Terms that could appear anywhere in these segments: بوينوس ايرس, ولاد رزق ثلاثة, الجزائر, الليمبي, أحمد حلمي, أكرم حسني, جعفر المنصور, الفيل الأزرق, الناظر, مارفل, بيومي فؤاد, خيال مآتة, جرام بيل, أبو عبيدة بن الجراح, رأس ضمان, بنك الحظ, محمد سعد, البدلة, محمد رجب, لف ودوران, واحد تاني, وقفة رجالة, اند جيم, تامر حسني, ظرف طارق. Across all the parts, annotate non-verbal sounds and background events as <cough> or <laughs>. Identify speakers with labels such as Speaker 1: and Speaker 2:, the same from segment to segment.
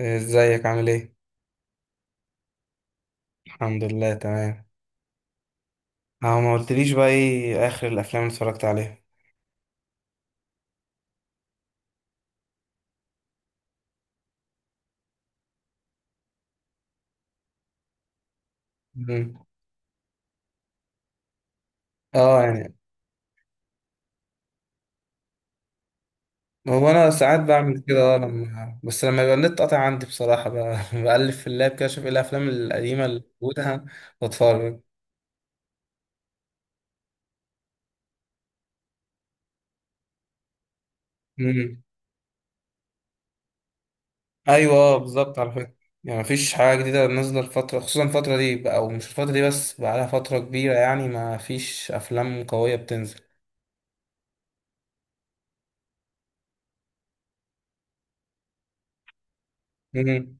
Speaker 1: ازيك عامل ايه؟ الحمد لله تمام. اه، ما قلتليش بقى ايه اخر الافلام اللي اتفرجت عليها؟ مم. اه يعني. هو انا ساعات بعمل كده لما يبقى النت قاطع عندي بصراحة بقى <laughs> بقلب في اللاب كده اشوف ايه الافلام القديمة اللي موجودة <laughs> واتفرج. مم. ايوه، بالظبط، على فكرة. يعني مفيش حاجة جديدة نازلة الفترة، خصوصا الفترة دي بقى، او مش الفترة دي بس بقى لها فترة كبيرة، يعني ما فيش افلام قوية بتنزل. مم.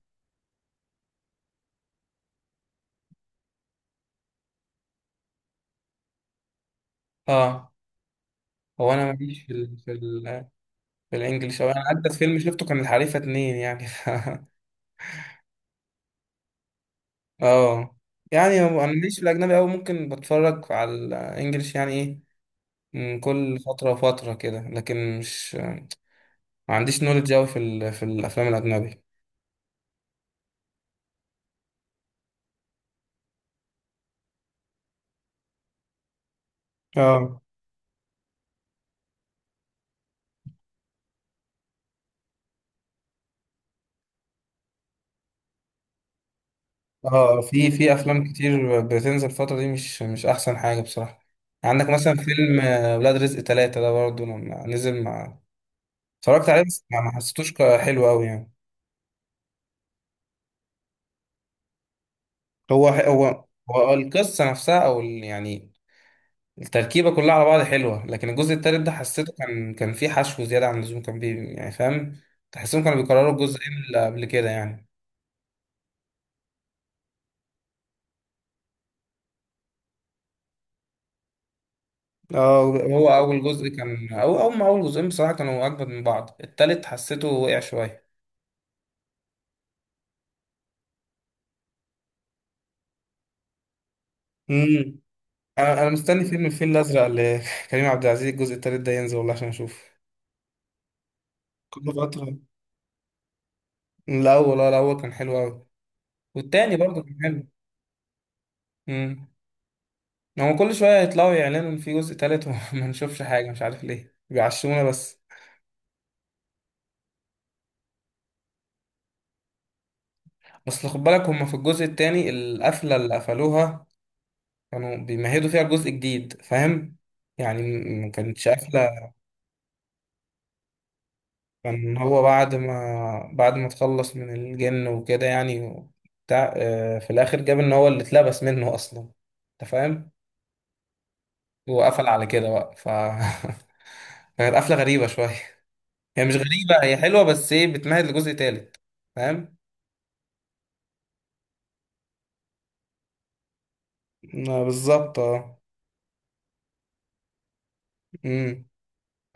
Speaker 1: اه. هو انا ماليش في في بالانجلش. أو انا عدت فيلم شفته كان الحريفه اتنين يعني <laughs> اه يعني، هو انا ماليش في الاجنبي أوي. ممكن بتفرج على الانجليش يعني ايه، من كل فتره وفتره كده، لكن مش ما عنديش نولج أوي في الافلام الاجنبي. اه. اه، في افلام كتير بتنزل الفتره دي، مش احسن حاجه بصراحه. عندك مثلا فيلم ولاد رزق ثلاثة ده برضه لما نزل، مع اتفرجت عليه بس ما حسيتوش حلو أوي يعني. هو هو هو القصة نفسها، أو يعني التركيبة كلها على بعض حلوة، لكن الجزء التالت ده حسيته كان فيه حشو زيادة عن اللزوم، كان يعني، فاهم؟ تحسهم كانوا بيكرروا الجزئين اللي قبل كده يعني. اه، هو أول جزء كان أو أول ما أول جزئين بصراحة كانوا أجمد من بعض. التالت حسيته وقع شوية. امم أنا مستني فيلم الفيل الأزرق لكريم <laughs> عبد العزيز الجزء التالت ده ينزل والله عشان أشوف. كل فترة. الأول كان حلو أوي، والتاني برضه كان حلو. امم هو كل شوية يطلعوا يعلنوا إن في جزء تالت، وما <laughs> نشوفش حاجة، مش عارف ليه بيعشمونا بس. بس خد بالك، هما في الجزء التاني القفلة اللي قفلوها كانوا بيمهدوا فيها الجزء الجديد، فاهم؟ يعني ما كانتش قفلة. كان هو بعد ما تخلص من الجن وكده يعني، بتاع آه، في الآخر جاب إن هو اللي اتلبس منه أصلا، أنت فاهم؟ وقفل على كده بقى <laughs> كانت قفلة غريبة شوية. هي مش غريبة، هي حلوة بس إيه بتمهد لجزء تالت، فاهم؟ بالظبط، اه. أمم.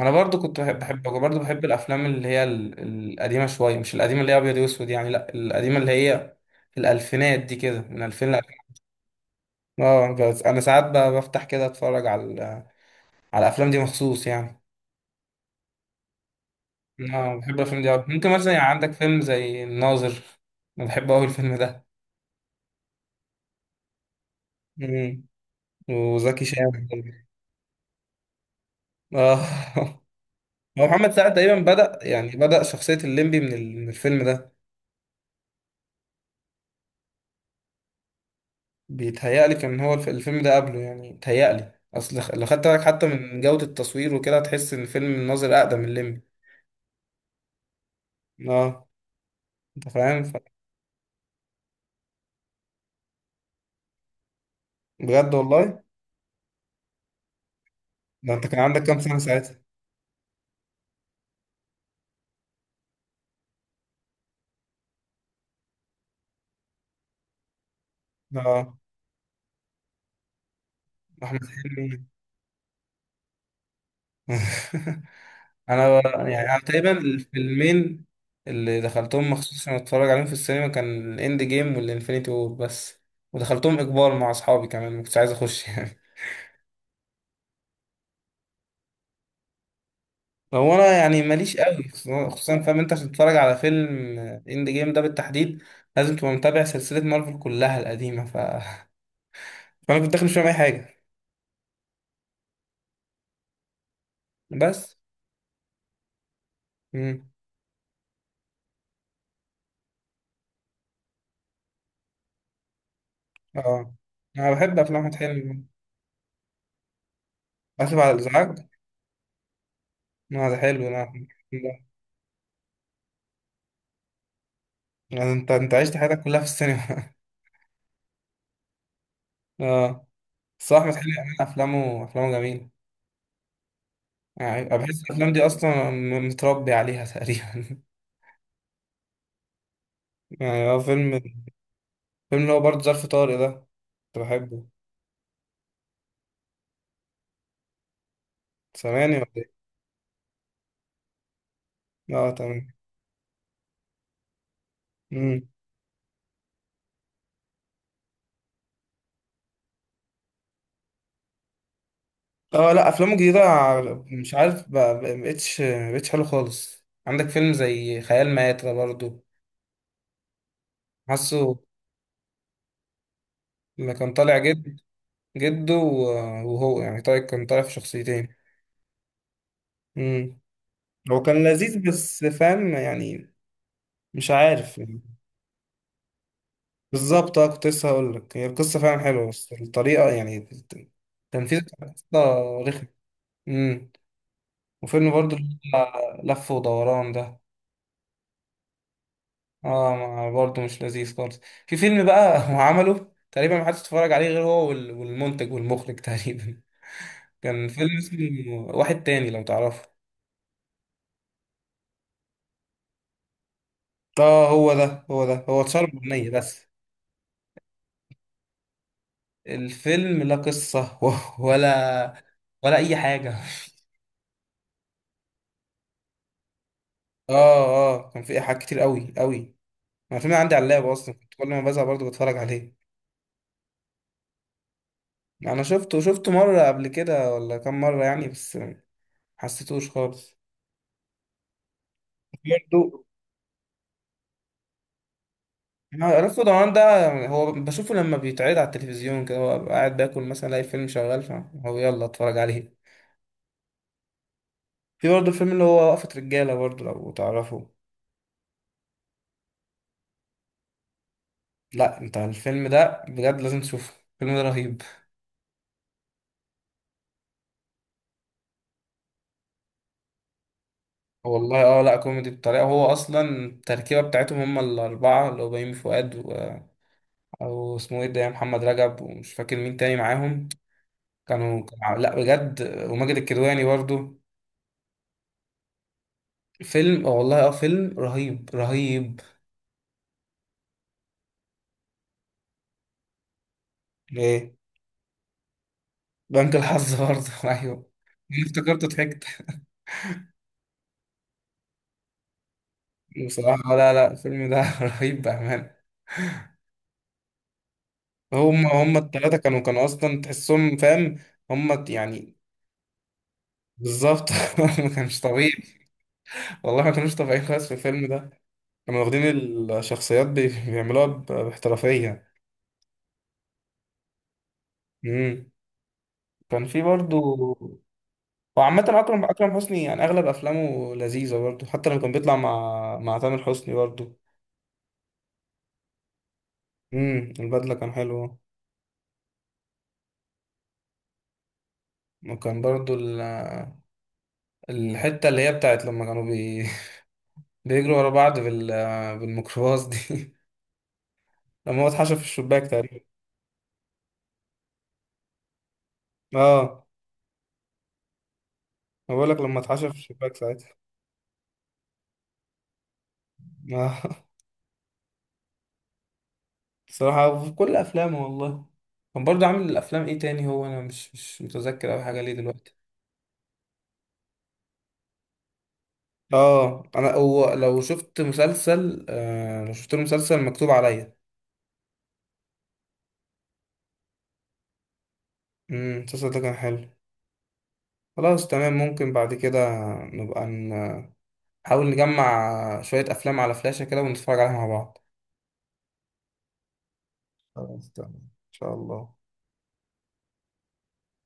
Speaker 1: انا برضو كنت بحب الافلام اللي هي القديمه شويه، مش القديمه اللي هي ابيض واسود يعني، لا القديمه اللي هي الالفينات دي كده، من 2000 ل 2000. اه، بس انا ساعات بفتح كده اتفرج على على الافلام دي مخصوص يعني. اه، بحب الافلام دي أوي. ممكن مثلا يعني عندك فيلم زي الناظر، انا بحب قوي الفيلم ده. مم. وزكي شان، اه. <laughs> هو محمد سعد تقريبا بدأ شخصية الليمبي من الفيلم ده. بيتهيألي كان هو الفيلم ده قبله يعني. بيتهيألي اصل لو خدت بالك حتى من جودة التصوير وكده، هتحس ان الفيلم الناظر اقدم من الليمبي. اه، انت فاهم بجد والله؟ ده انت كان عندك كام سنة ساعتها؟ اه، احمد حلمي. <laughs> انا ب- يعني انا تقريبا الفيلمين اللي دخلتهم مخصوص عشان اتفرج عليهم في السينما كان الاند جيم والانفينيتي وور بس. ودخلتهم اجبار مع اصحابي كمان، ما كنتش عايز اخش. <laughs> هو انا يعني ماليش قوي، خصوصاً فاهم انت، عشان تتفرج على فيلم اند جيم ده بالتحديد، لازم تبقى متابع سلسله مارفل كلها القديمه <laughs> فانا كنت داخل مش فاهم اي حاجه. بس. امم اه، انا بحب افلام احمد حلمي. اسف على الازعاج، ما ده حلو، لا. يعني انت عشت حياتك كلها في السينما. <laughs> اه، صح، احمد حلمي عمل افلامه جميله. يعني أنا بحس الافلام دي اصلا متربي عليها تقريبا. <laughs> يعني هو فيلم اللي هو برضه ظرف طارق ده، كنت بحبه. سامعني ولا إيه؟ اه، تمام. امم اه، لا افلامه الجديده، مش عارف مبقتش حلو خالص. عندك فيلم زي خيال مآتة برضو، حاسه لما كان طالع جده وهو يعني، طيب، كان طالع في شخصيتين. امم هو كان لذيذ بس فاهم يعني، مش عارف يعني. بالظبط اه، كنت لسه هقول لك، هي القصه فعلا حلوه بس الطريقه يعني التنفيذ بتاع القصه رخم. امم وفيلم برضو اللي هو لف ودوران ده، اه برضه مش لذيذ خالص. في فيلم بقى <laughs> هو عمله تقريبا ما حدش اتفرج عليه غير هو والمنتج والمخرج <laughs> تقريبا. كان فيلم اسمه واحد تاني لو تعرفه. اه، هو اتشهر بأغنية بس. الفيلم لا قصة <laughs> ولا أي حاجة. اه، اه، كان فيه إيحاءات كتير قوي قوي. أنا الفيلم عندي على اللاب أصلا كنت كل ما بزهق برضه بتفرج عليه. أنا شفته مرة قبل كده ولا كام مرة يعني، بس ما حسيتوش خالص. برضه رأس ضمان ده هو بشوفه لما بيتعرض على التلفزيون كده، هو قاعد باكل مثلا الاقي الفيلم شغال، فهو يلا اتفرج عليه. في برضه الفيلم اللي هو وقفة رجالة برضه لو تعرفه. لا، انت الفيلم ده بجد لازم تشوفه، الفيلم ده رهيب. والله، اه، لا كوميدي بطريقة، هو اصلا التركيبة بتاعتهم، هم الاربعة اللي هو بيومي فؤاد او اسمه ايه ده يا محمد رجب، ومش فاكر مين تاني معاهم، كانوا لا بجد. وماجد الكدواني برضه. فيلم، اه والله، اه فيلم رهيب رهيب. ايه، بنك الحظ برضه، <laughs> ايوه، أنا افتكرته ضحكت. بصراحة لا، لا الفيلم ده <laughs> رهيب بأمانة. هم التلاتة كانوا أصلا تحسهم فاهم، هم يعني، بالظبط. <laughs> ما كانش طبيعي، والله ما كانوش طبيعيين خالص في الفيلم ده. كانوا واخدين الشخصيات بيعملوها باحترافية. امم كان في برضه. وعامة أكرم حسني يعني أغلب أفلامه لذيذة برضه، حتى لما كان بيطلع مع تامر حسني برضه. البدلة كان حلوه. وكان برضه الحتة اللي هي بتاعت لما كانوا <laughs> بيجروا ورا بعض بالميكروباص دي <laughs> لما هو اتحشى في الشباك تقريبا. اه، أنا بقول لك، لما اتحشى في الشباك ساعتها. آه. <laughs> بصراحة في كل أفلامه والله. كان برضه عامل الأفلام إيه تاني؟ هو أنا مش متذكر أوي حاجة ليه دلوقتي. اه، أنا هو لو شفت له مسلسل مكتوب عليا. المسلسل ده كان حلو. خلاص تمام، ممكن بعد كده نبقى نحاول نجمع شوية أفلام على فلاشة كده ونتفرج عليها مع بعض. خلاص تمام، ان شاء الله.